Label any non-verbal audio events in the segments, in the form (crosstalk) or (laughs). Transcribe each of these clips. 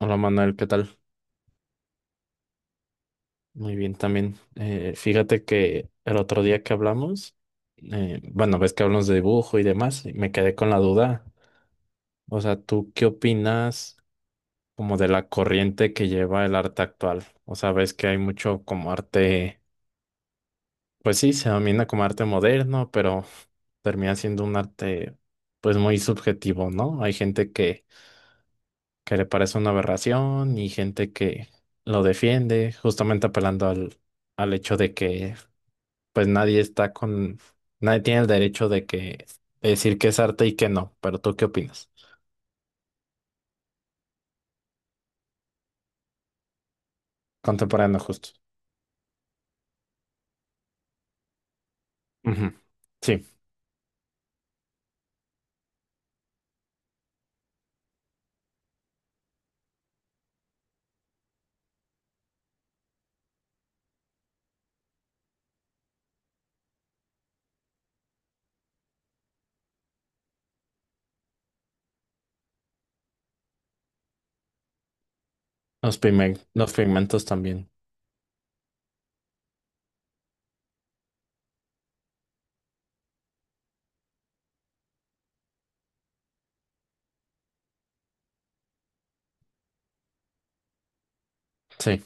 Hola Manuel, ¿qué tal? Muy bien también. Fíjate que el otro día que hablamos, bueno, ves que hablamos de dibujo y demás, y me quedé con la duda. O sea, ¿tú qué opinas como de la corriente que lleva el arte actual? O sea, ves que hay mucho como arte, pues sí, se domina como arte moderno, pero termina siendo un arte pues muy subjetivo, ¿no? Hay gente que le parece una aberración y gente que lo defiende, justamente apelando al hecho de que pues nadie está con, nadie tiene el derecho de decir que es arte y que no, pero ¿tú qué opinas? Contemporáneo justo. Ujú. Sí, los pigmentos también. Sí.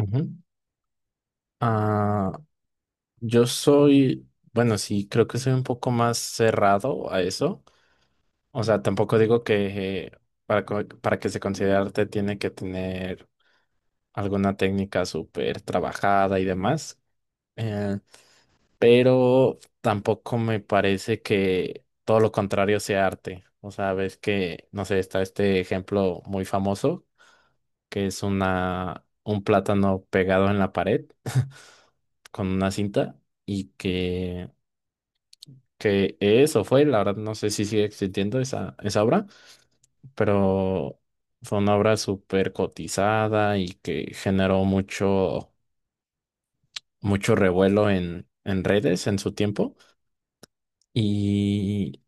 Ujú. Ah, yo soy, bueno, sí, creo que soy un poco más cerrado a eso. O sea, tampoco digo que para que se considere arte tiene que tener alguna técnica súper trabajada y demás. Eh, pero tampoco me parece que todo lo contrario sea arte. O sea, ves que, no sé, está este ejemplo muy famoso, que es un plátano pegado en la pared con una cinta y que eso fue, la verdad no sé si sigue existiendo esa obra, pero fue una obra súper cotizada y que generó mucho, mucho revuelo en redes en su tiempo. Y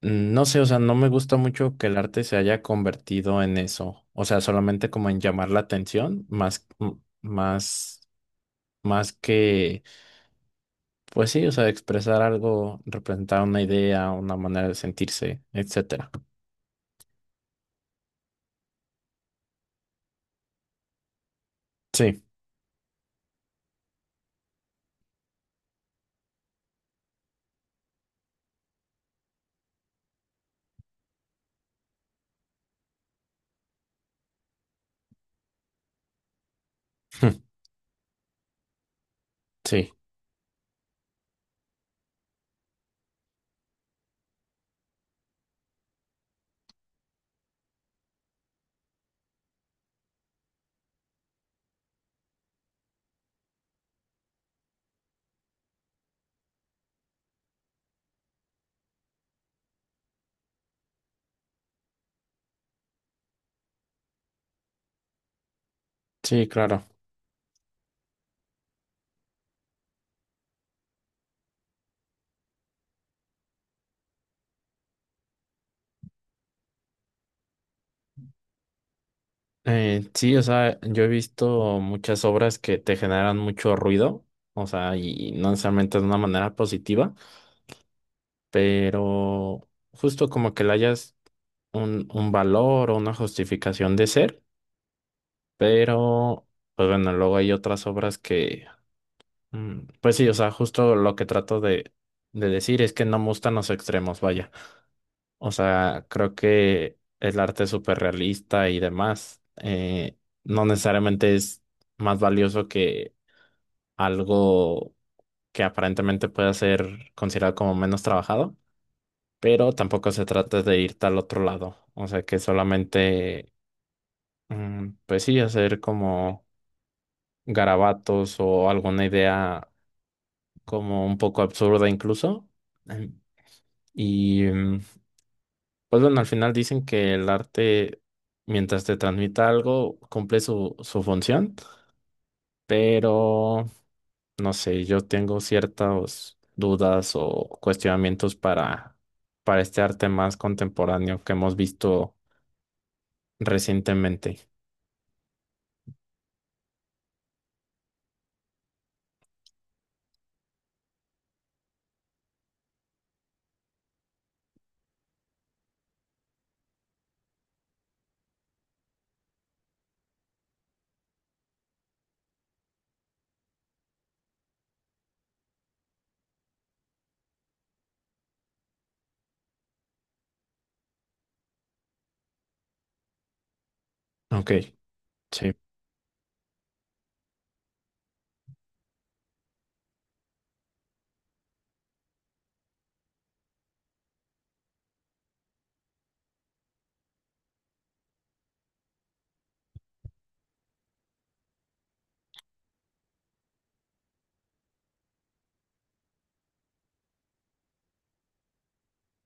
No sé, o sea, no me gusta mucho que el arte se haya convertido en eso, o sea, solamente como en llamar la atención, más que, pues sí, o sea, expresar algo, representar una idea, una manera de sentirse, etcétera. Sí, (laughs) sí, sí, claro. Sí, o sea, yo he visto muchas obras que te generan mucho ruido, o sea, y no necesariamente de una manera positiva, pero justo como que la hayas un valor o una justificación de ser, pero pues bueno, luego hay otras obras que, pues sí, o sea, justo lo que trato de decir es que no me gustan los extremos, vaya. O sea, creo que el arte súper realista y demás no necesariamente es más valioso que algo que aparentemente pueda ser considerado como menos trabajado. Pero tampoco se trata de ir al otro lado, o sea que solamente pues sí, hacer como garabatos o alguna idea como un poco absurda incluso. Em, Y pues bueno, al final dicen que el arte, mientras te transmita algo, cumple su función, pero no sé, yo tengo ciertas dudas o cuestionamientos para este arte más contemporáneo que hemos visto recientemente. Ok, sí.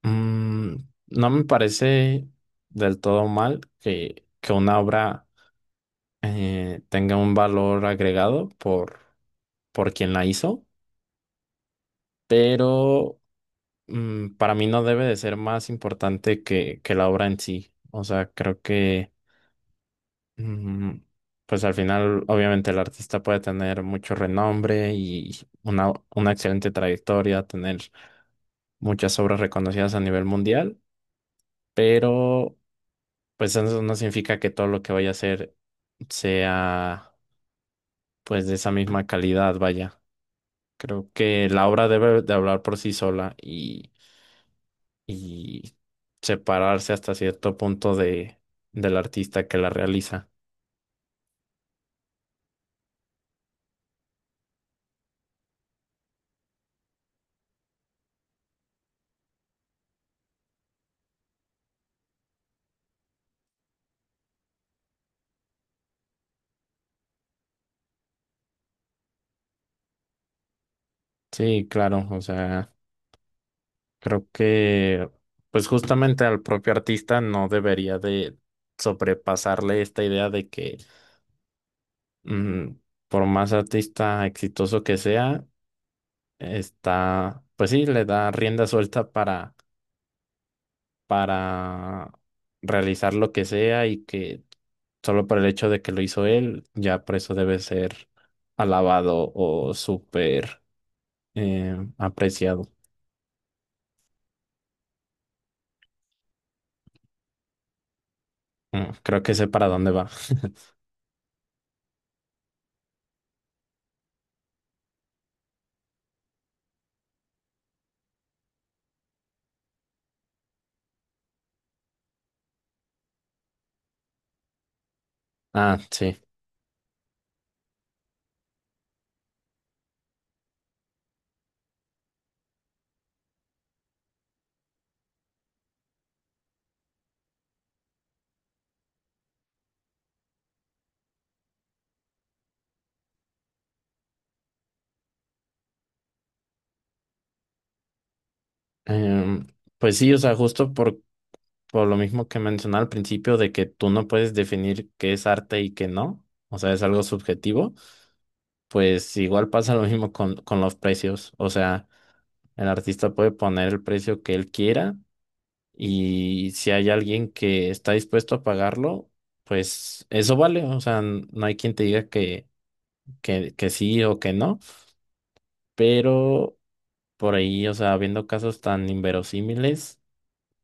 Mm, no me parece del todo mal que una obra tenga un valor agregado por quien la hizo, pero para mí no debe de ser más importante que la obra en sí. O sea, creo que mm, pues al final obviamente el artista puede tener mucho renombre y una excelente trayectoria, tener muchas obras reconocidas a nivel mundial, pero pues eso no significa que todo lo que vaya a hacer sea pues de esa misma calidad, vaya. Creo que la obra debe de hablar por sí sola y separarse hasta cierto punto de, del artista que la realiza. Sí, claro, o sea, creo que pues justamente al propio artista no debería de sobrepasarle esta idea de que mm, por más artista exitoso que sea, está, pues sí, le da rienda suelta para realizar lo que sea y que solo por el hecho de que lo hizo él, ya por eso debe ser alabado o súper apreciado. Creo que sé para dónde va. (laughs) Ah, sí. Em, pues sí, o sea, justo por lo mismo que mencioné al principio de que tú no puedes definir qué es arte y qué no, o sea, es algo subjetivo, pues igual pasa lo mismo con los precios, o sea, el artista puede poner el precio que él quiera y si hay alguien que está dispuesto a pagarlo, pues eso vale. O sea, n- no hay quien te diga que, que sí o que no, pero por ahí, o sea, viendo casos tan inverosímiles,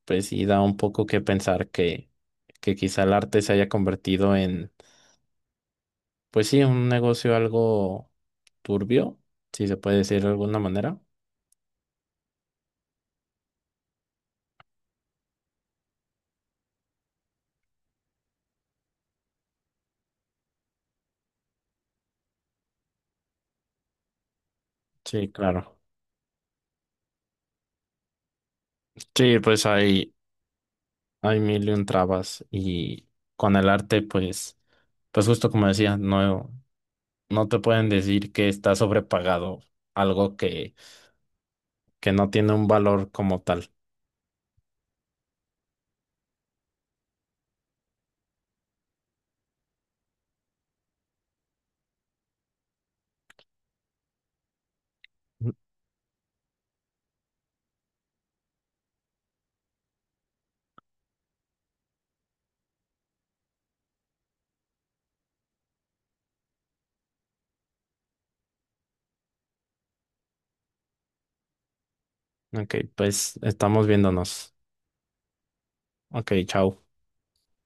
pues sí da un poco que pensar que quizá el arte se haya convertido en, pues sí, un negocio algo turbio, si se puede decir de alguna manera. Sí, claro. Sí, pues hay mil y un trabas y con el arte, pues, pues justo como decía, no, no te pueden decir que está sobrepagado algo que no tiene un valor como tal. Ok, pues estamos viéndonos. Ok, chao.